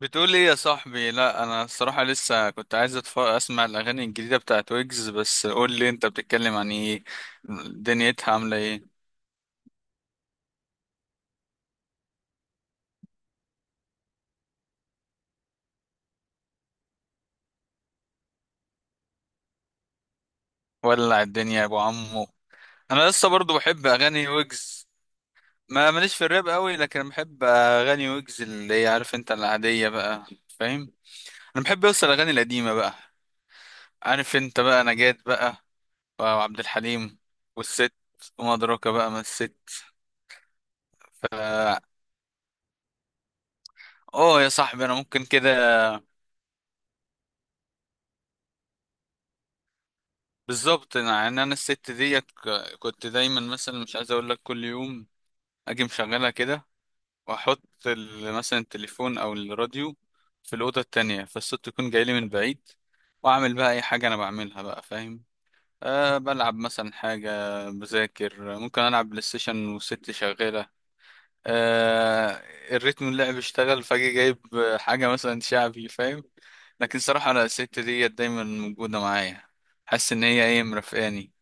بتقول ايه يا صاحبي؟ لا، انا الصراحه لسه كنت عايز اسمع الاغاني الجديده بتاعت ويجز. بس قول لي، انت بتتكلم عن ايه؟ دنيتها عامله ايه؟ ولع الدنيا يا ابو عمو. انا لسه برضو بحب اغاني ويجز. ما ماليش في الراب قوي، لكن بحب اغاني ويجز اللي هي، عارف انت، العاديه بقى، فاهم. انا بحب اوصل الاغاني القديمه بقى، عارف انت بقى، نجاة بقى، وعبد الحليم، والست، وما ادراك بقى ما الست. ف اه يا صاحبي انا ممكن كده. بالظبط، يعني انا الست ديت كنت دايما مثلا مش عايز اقول لك، كل يوم اجي مشغلها كده، واحط مثلا التليفون او الراديو في الاوضه التانية، فالصوت يكون جاي لي من بعيد، واعمل بقى اي حاجه انا بعملها بقى، فاهم. بلعب مثلا حاجه، بذاكر، ممكن العب بلاي ستيشن والست شغاله. أه الريتم اللعب اشتغل، فاجي جايب حاجه مثلا شعبي، فاهم. لكن صراحه انا الست ديت دايما موجوده معايا، حاسس ان هي ايه، مرافقاني.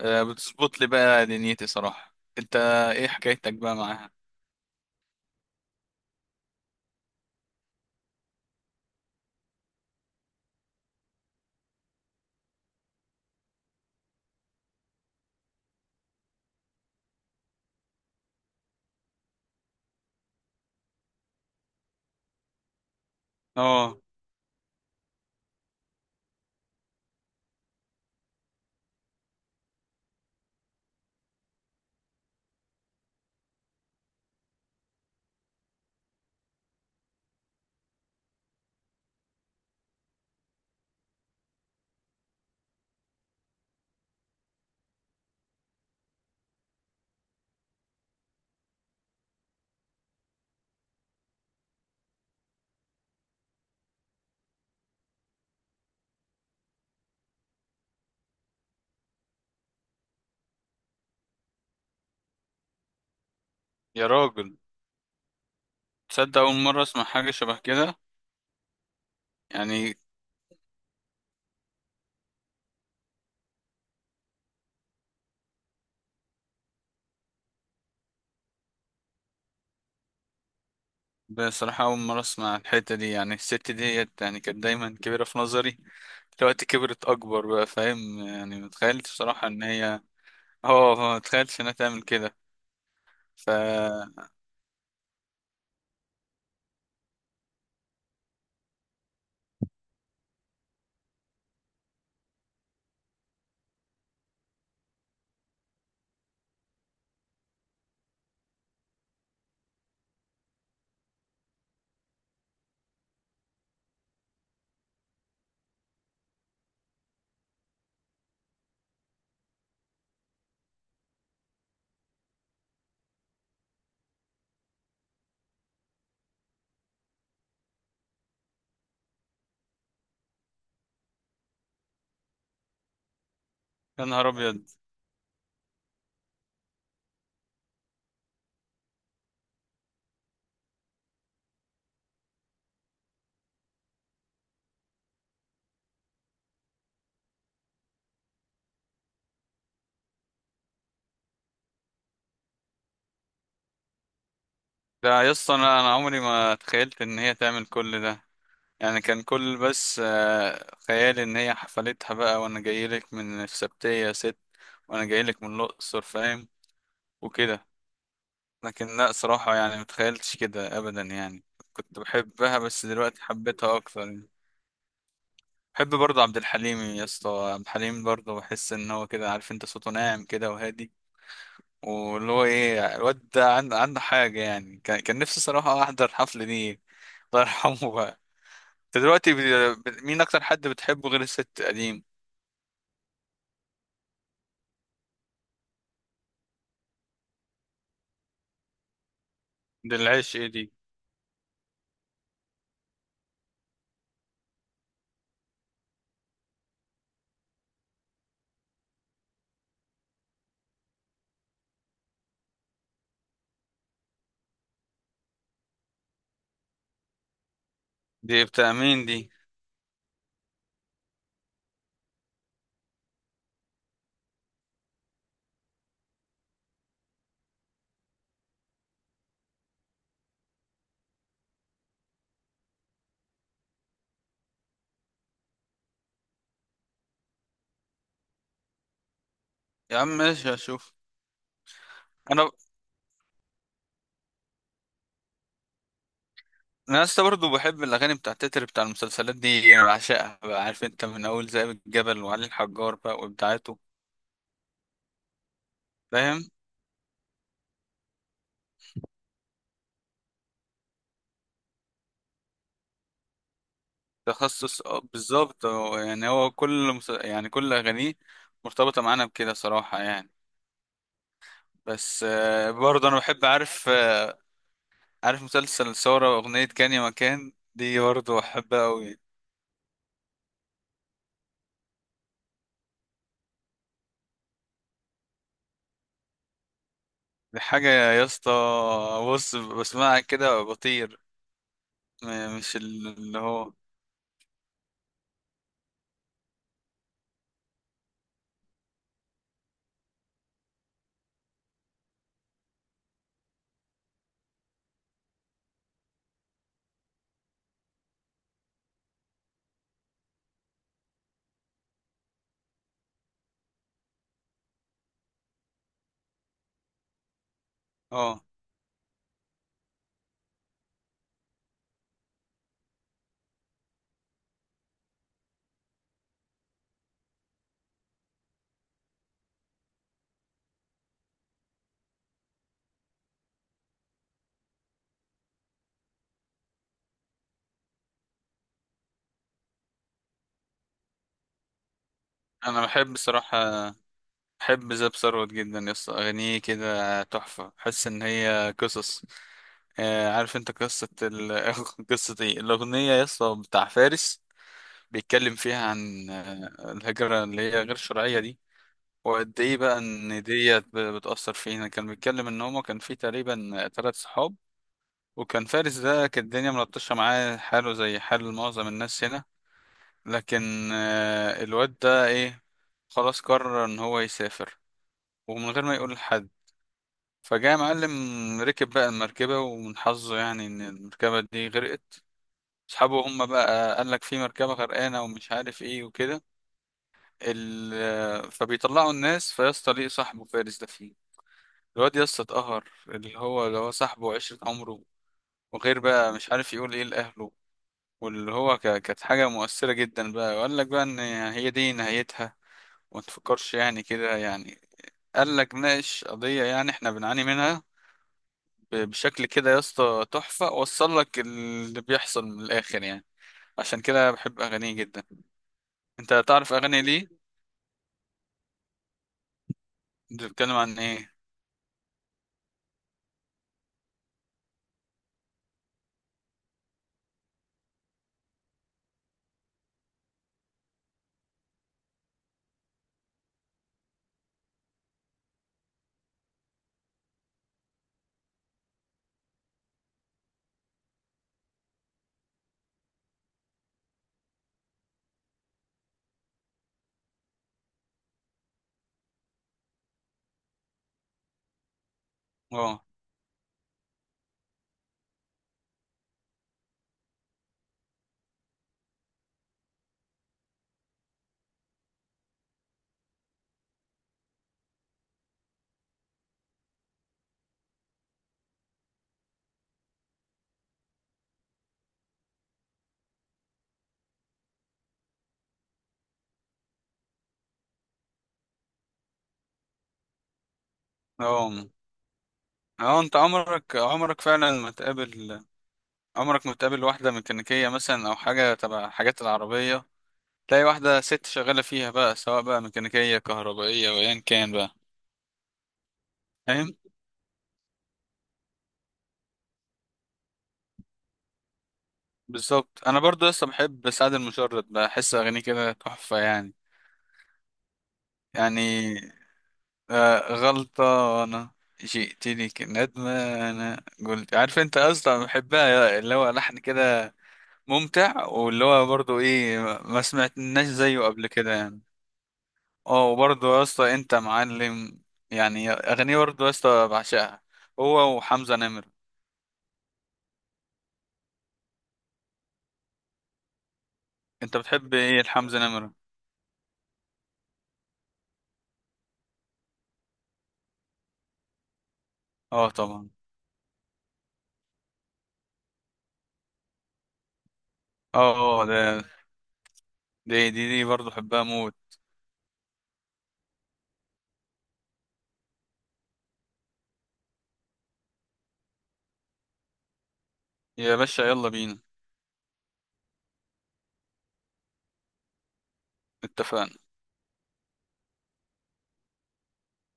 بتظبط لي بقى دنيتي صراحة. انت ايه حكايتك بقى معاها؟ اه يا راجل، تصدق اول مرة اسمع حاجة شبه كده. يعني بصراحة اول مرة اسمع الحتة دي، يعني الست ديت يعني كانت دايما كبيرة في نظري، دلوقتي كبرت اكبر بقى، فاهم يعني، متخيلتش بصراحة ان هي... اه، متخيلتش انها تعمل كده. ف يا نهار ابيض. ده يا اسطى انا عمري ما تخيلت ان هي تعمل كل ده. يعني كان كل، بس خيالي ان هي حفلتها بقى، وانا جايلك من السبتية يا ست، وانا جايلك من الاقصر، فاهم، وكده. لكن لا، صراحة يعني متخيلتش كده ابدا يعني. كنت بحبها، بس دلوقتي حبيتها اكتر يعني. بحب برضه عبد الحليم يا اسطى. عبد الحليم برضه بحس ان هو كده، عارف انت، صوته ناعم كده وهادي، واللي هو ايه، الواد ده عنده حاجة. يعني كان نفسي صراحة احضر الحفلة دي، الله يرحمه بقى. انت دلوقتي مين اكتر حد بتحبه غير الست قديم؟ دي العيش ايه دي! دي بتاع مين دي؟ يا عم ماشي، اشوف. انا انا لسه برضه بحب الاغاني بتاع التتر، بتاع المسلسلات دي انا بعشقها بقى، عارف انت، من اول ذئاب الجبل وعلي الحجار بقى وابداعاته، فاهم. تخصص، بالظبط، يعني هو كل يعني كل اغانيه مرتبطه معانا بكده صراحه يعني. بس برضه انا بحب، عارف، عارف مسلسل ثوره، واغنيه كان يا مكان، دي برضه بحبها قوي. دي حاجه يا اسطى، بص بسمعها كده بطير. مش اللي هو، اه، انا بحب بصراحة، بحب زاب ثروت جدا، يس اغانيه كده تحفة، بحس ان هي قصص. عارف انت قصة قصة ايه الاغنية، يس، بتاع فارس. بيتكلم فيها عن الهجرة اللي هي غير شرعية دي، وقد ايه بقى ان ديت بتأثر فينا. كان بيتكلم ان هما كان في تقريبا ثلاث صحاب، وكان فارس ده كانت الدنيا ملطشة معاه، حاله زي حال معظم الناس هنا. لكن الواد ده ايه، خلاص قرر ان هو يسافر، ومن غير ما يقول لحد، فجاء معلم، ركب بقى المركبة، ومن حظه يعني ان المركبة دي غرقت. اصحابه هم بقى قال لك في مركبة غرقانة ومش عارف ايه وكده فبيطلعوا الناس، فيسطا ليه صاحبه فارس ده فيه. الواد يسطا اتقهر، اللي هو صاحبه وعشرة عمره، وغير بقى مش عارف يقول ايه لأهله، واللي هو كانت حاجة مؤثرة جدا بقى. وقال لك بقى ان هي دي نهايتها، وما تفكرش يعني كده يعني. قال لك، ناقش قضية يعني احنا بنعاني منها بشكل كده يا اسطى تحفة، وصل لك اللي بيحصل من الآخر يعني. عشان كده بحب أغانيه جدا. انت تعرف أغاني ليه؟ انت بتتكلم عن ايه؟ اه، اه، اه، انت عمرك فعلا ما تقابل، عمرك ما تقابل واحدة ميكانيكية مثلا، أو حاجة تبع حاجات العربية، تلاقي واحدة ست شغالة فيها بقى، سواء بقى ميكانيكية، كهربائية، وأيا كان بقى، فاهم؟ بالظبط. أنا برضو لسه بحب سعد المجرد، بحس أغانيه كده تحفة يعني. يعني غلطة، أنا، جئتني كندمة، أنا قلت، عارف أنت أصلا بحبها، اللي هو لحن كده ممتع، واللي هو برضو إيه، ما سمعتناش زيه قبل كده يعني. أه، وبرضو يا اسطى أنت معلم، يعني أغنية برضو يا اسطى بعشقها، هو وحمزة نمرة. أنت بتحب إيه لحمزة نمرة؟ أه طبعا. أه، أه، ده دي برضو بحبها موت. يا باشا يلا بينا. اتفقنا.